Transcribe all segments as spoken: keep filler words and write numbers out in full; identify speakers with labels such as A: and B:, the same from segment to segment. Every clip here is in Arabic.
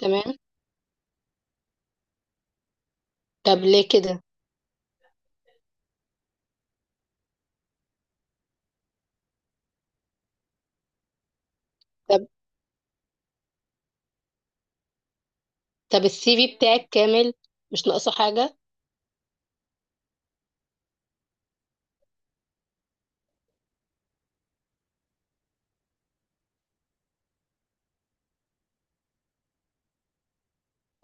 A: تمام. طب ليه كده؟ طب طب السي في بتاعك كامل؟ مش ناقصه حاجه؟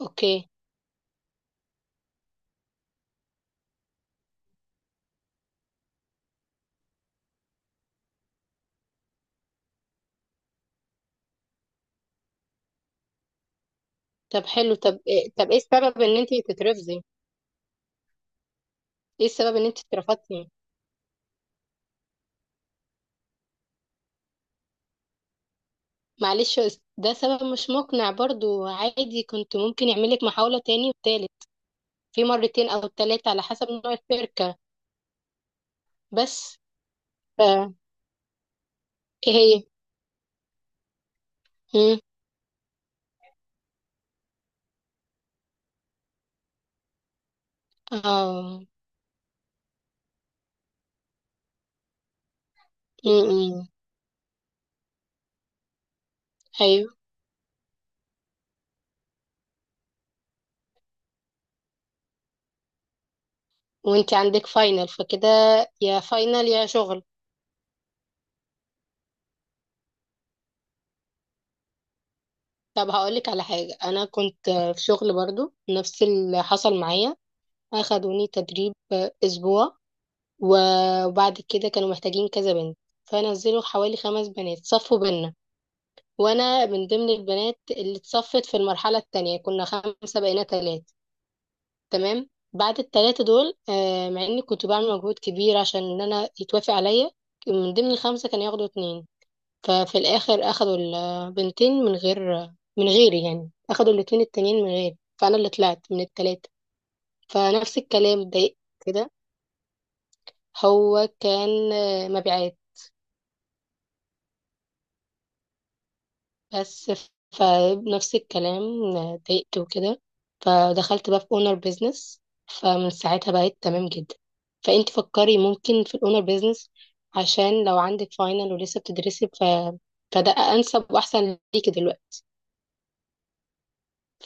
A: اوكي. طب حلو. طب إيه طب ايه السبب ان انت تترفضي؟ ايه السبب ان انت اترفضتي؟ معلش، ده سبب مش مقنع برضو، عادي كنت ممكن يعملك محاوله تاني وتالت، في مرتين او تلاتة على حسب نوع الشركه. بس ف- ايه هي؟ مم. اه. مم. ايوه. وانت عندك فاينل، فكده يا فاينل يا شغل. طب هقولك على حاجة، أنا كنت في شغل برضو نفس اللي حصل معايا، أخدوني تدريب أسبوع و- وبعد كده كانوا محتاجين كذا بنت، فنزلوا حوالي خمس بنات صفوا بينا، وأنا من ضمن البنات اللي اتصفت. في المرحلة التانية كنا خمسة بقينا تلاتة، تمام. بعد التلاتة دول، آه، مع إني كنت بعمل مجهود كبير عشان إن أنا يتوافق عليا من ضمن الخمسة كانوا ياخدوا اتنين، ففي الاخر اخدوا البنتين من غير من غيري، يعني اخدوا الاتنين التانيين من غيري، فانا اللي طلعت من التلاتة. فنفس الكلام اتضايقت كده. هو كان آه، مبيعات بس. فنفس الكلام، آه، اتضايقت وكده. فدخلت بقى في اونر بيزنس، فمن ساعتها بقيت تمام جدا. فانت فكري ممكن في الاونر بيزنس، عشان لو عندك فاينل ولسه بتدرسي ف... فده انسب واحسن ليكي دلوقتي.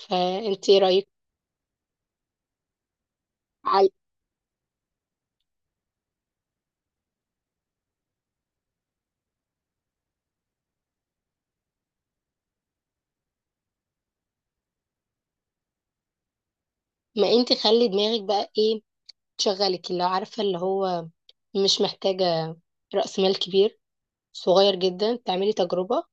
A: فانت ايه رايك؟ ما انت خلي دماغك بقى ايه تشغلك، اللي عارفه اللي هو مش محتاجه راس مال كبير، صغير جدا تعملي تجربه.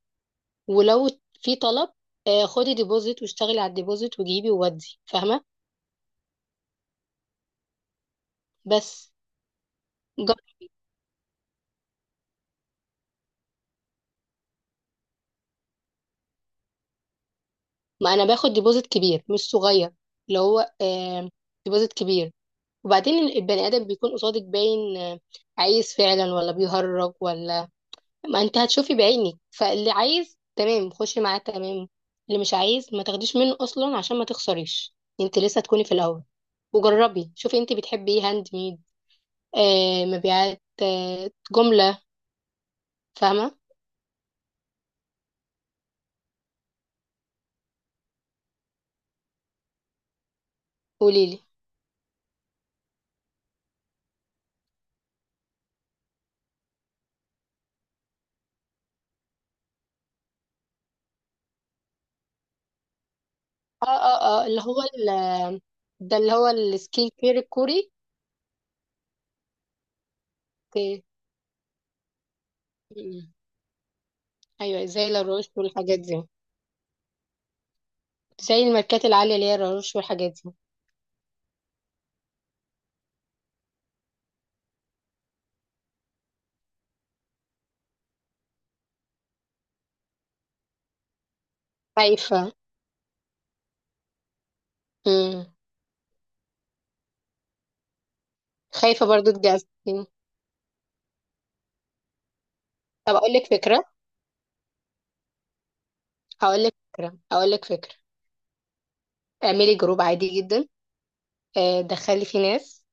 A: ولو في طلب، آه، خدي ديبوزيت واشتغلي على الديبوزيت وجيبي وودي. فاهمه؟ بس جر- ما انا باخد ديبوزيت كبير مش صغير، اللي هو آه، ديبوزيت كبير. وبعدين البني ادم بيكون قصادك باين، آه، عايز فعلا ولا بيهرج ولا، ما انت هتشوفي بعينك، فاللي عايز تمام خشي معاه تمام، اللي مش عايز ما تاخديش منه اصلا عشان ما تخسريش، انت لسه تكوني في الاول. وجربي شوفي انت بتحبي ايه، هاند ميد آه مبيعات آه جملة. فاهمة؟ قوليلي. اه، اه، اه، اللي هو ال- ده اللي هو السكين كير الكوري. اوكي. م-م. ايوه، زي لا روش والحاجات دي، زي الماركات العالية اللي هي لا روش والحاجات دي. خايفة. م. خايفة برضو تجازفي. طب اقول لك فكرة. هقول لك فكرة هقول لك فكرة. اعملي جروب عادي جدا، آه، دخلي فيه ناس.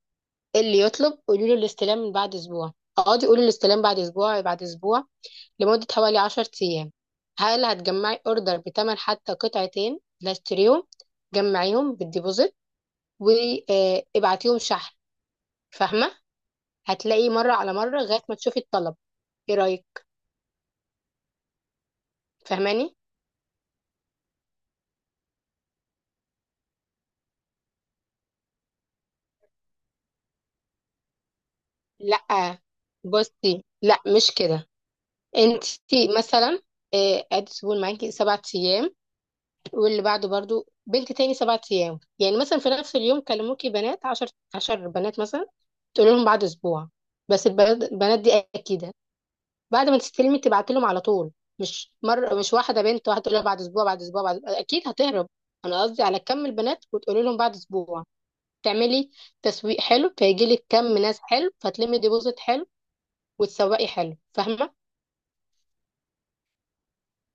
A: اللي يطلب قولي له الاستلام من بعد اسبوع، اقعدي قولي الاستلام بعد اسبوع بعد اسبوع لمدة حوالي 10 ايام. هل هتجمعي اوردر بتمن حتى قطعتين لا اشتريهم، جمعيهم بالديبوزيت وابعتيهم شحن. فاهمة؟ هتلاقي مرة على مرة لغاية ما تشوفي الطلب. ايه رأيك؟ فاهماني؟ لا، بصي لا مش كده. انت مثلا، آه، ادي سيبون معاكي سبعة ايام، واللي بعده برضو بنت تاني سبعة أيام، يعني مثلا في نفس اليوم كلموكي بنات عشر عشر بنات مثلا، تقول لهم بعد أسبوع. بس البنات البنات دي أكيدة بعد ما تستلمي تبعت لهم على طول، مش مرة، مش واحدة بنت واحدة تقول لها بعد أسبوع بعد أسبوع بعد، أكيد هتهرب. أنا قصدي على كم البنات وتقولي لهم بعد أسبوع، تعملي تسويق حلو، فيجي لك كم ناس حلو، فتلمي ديبوزيت حلو وتسوقي حلو. فاهمة؟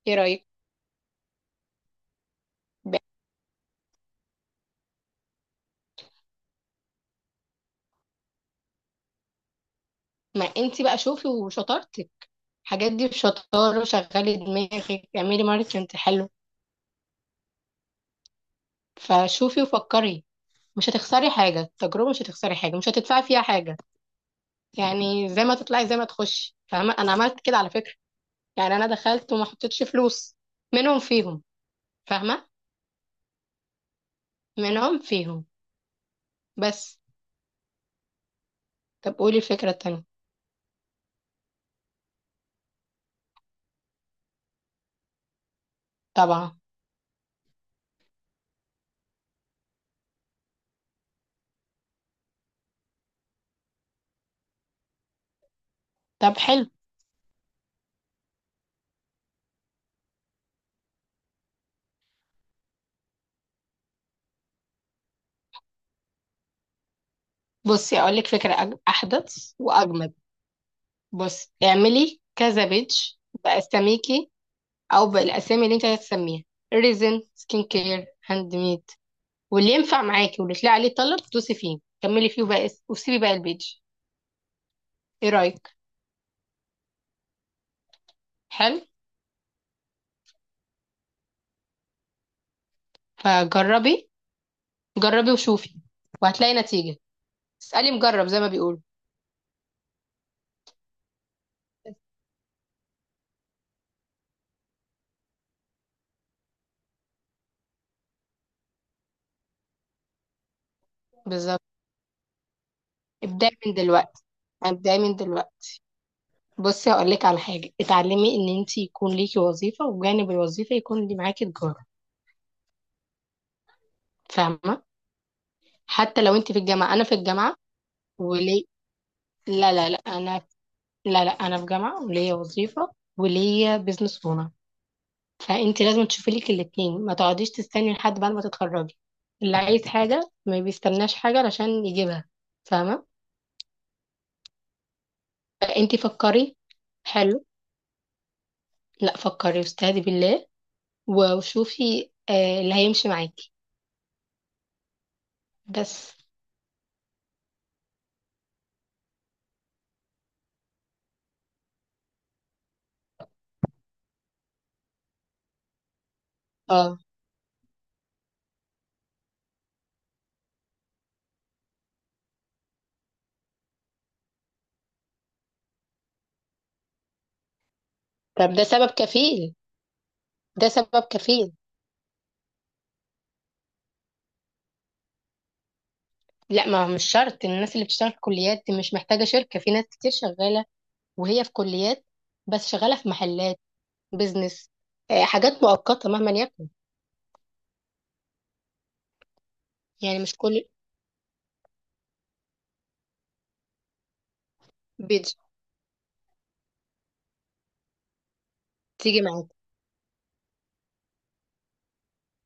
A: إيه رأيك؟ ب- ما أنت بقى شوفي وشطارتك، الحاجات دي بشطارة، شغلي دماغك اعملي ماركتنج حلو. فشوفي وفكري، مش هتخسري حاجة، التجربة مش هتخسري حاجة، مش هتدفعي فيها حاجة، يعني زي ما تطلعي زي ما تخشي. فاهمة؟ أنا عملت كده على فكرة، يعني أنا دخلت وما حطيتش فلوس منهم فيهم. فاهمة؟ منهم فيهم بس. طب قولي الفكرة التانية. طبعا. طب حلو، بصي أقولك فكرة أج- أحدث وأجمد. بصي اعملي كذا بيتش بأساميكي او بالاسامي اللي انت هتسميها، ريزن، سكين كير، هاند ميد، واللي ينفع معاكي واللي تلاقي عليه طلب دوسي فيه كملي فيه وبقى اس- وسيبي بقى البيج. ايه رايك؟ حلو. فجربي، جربي وشوفي وهتلاقي نتيجه، اسالي مجرب زي ما بيقولوا. بالظبط، ابداي من دلوقتي، ابداي من دلوقتي. بصي هقول لك على حاجه، اتعلمي ان انت يكون ليكي وظيفه وجانب الوظيفه يكون اللي معاكي تجاره. فاهمه؟ حتى لو انت في الجامعه، انا في الجامعه. وليه؟ لا، لا، لا، انا لا لا انا في جامعه وليا وظيفه وليا بيزنس اونر، فانت لازم تشوفي لك الاثنين، ما تقعديش تستني لحد بعد ما تتخرجي، اللي عايز حاجه ما بيستناش حاجه علشان يجيبها. فاهمه؟ فانت فكري. حلو. لا، فكري واستهدي بالله، و- وشوفي آه، اللي هيمشي معاكي. بس. اه. طب ده سبب كفيل، ده سبب كفيل. لا، ما هو مش شرط الناس اللي بتشتغل في كليات دي مش محتاجه شركه، في ناس كتير شغاله وهي في كليات، بس شغاله في محلات، بيزنس، آه، حاجات مؤقتة مهما يكن. يعني مش كل بيج تيجي معاك.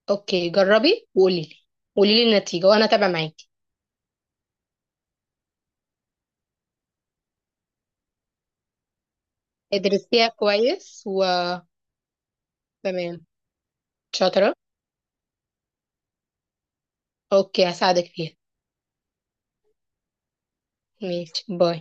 A: اوكي جربي وقولي لي، قولي لي النتيجة وانا تابع معاكي. ادرسيها كويس و... تمام. شاطرة. اوكي هساعدك فيها. ماشي، باي.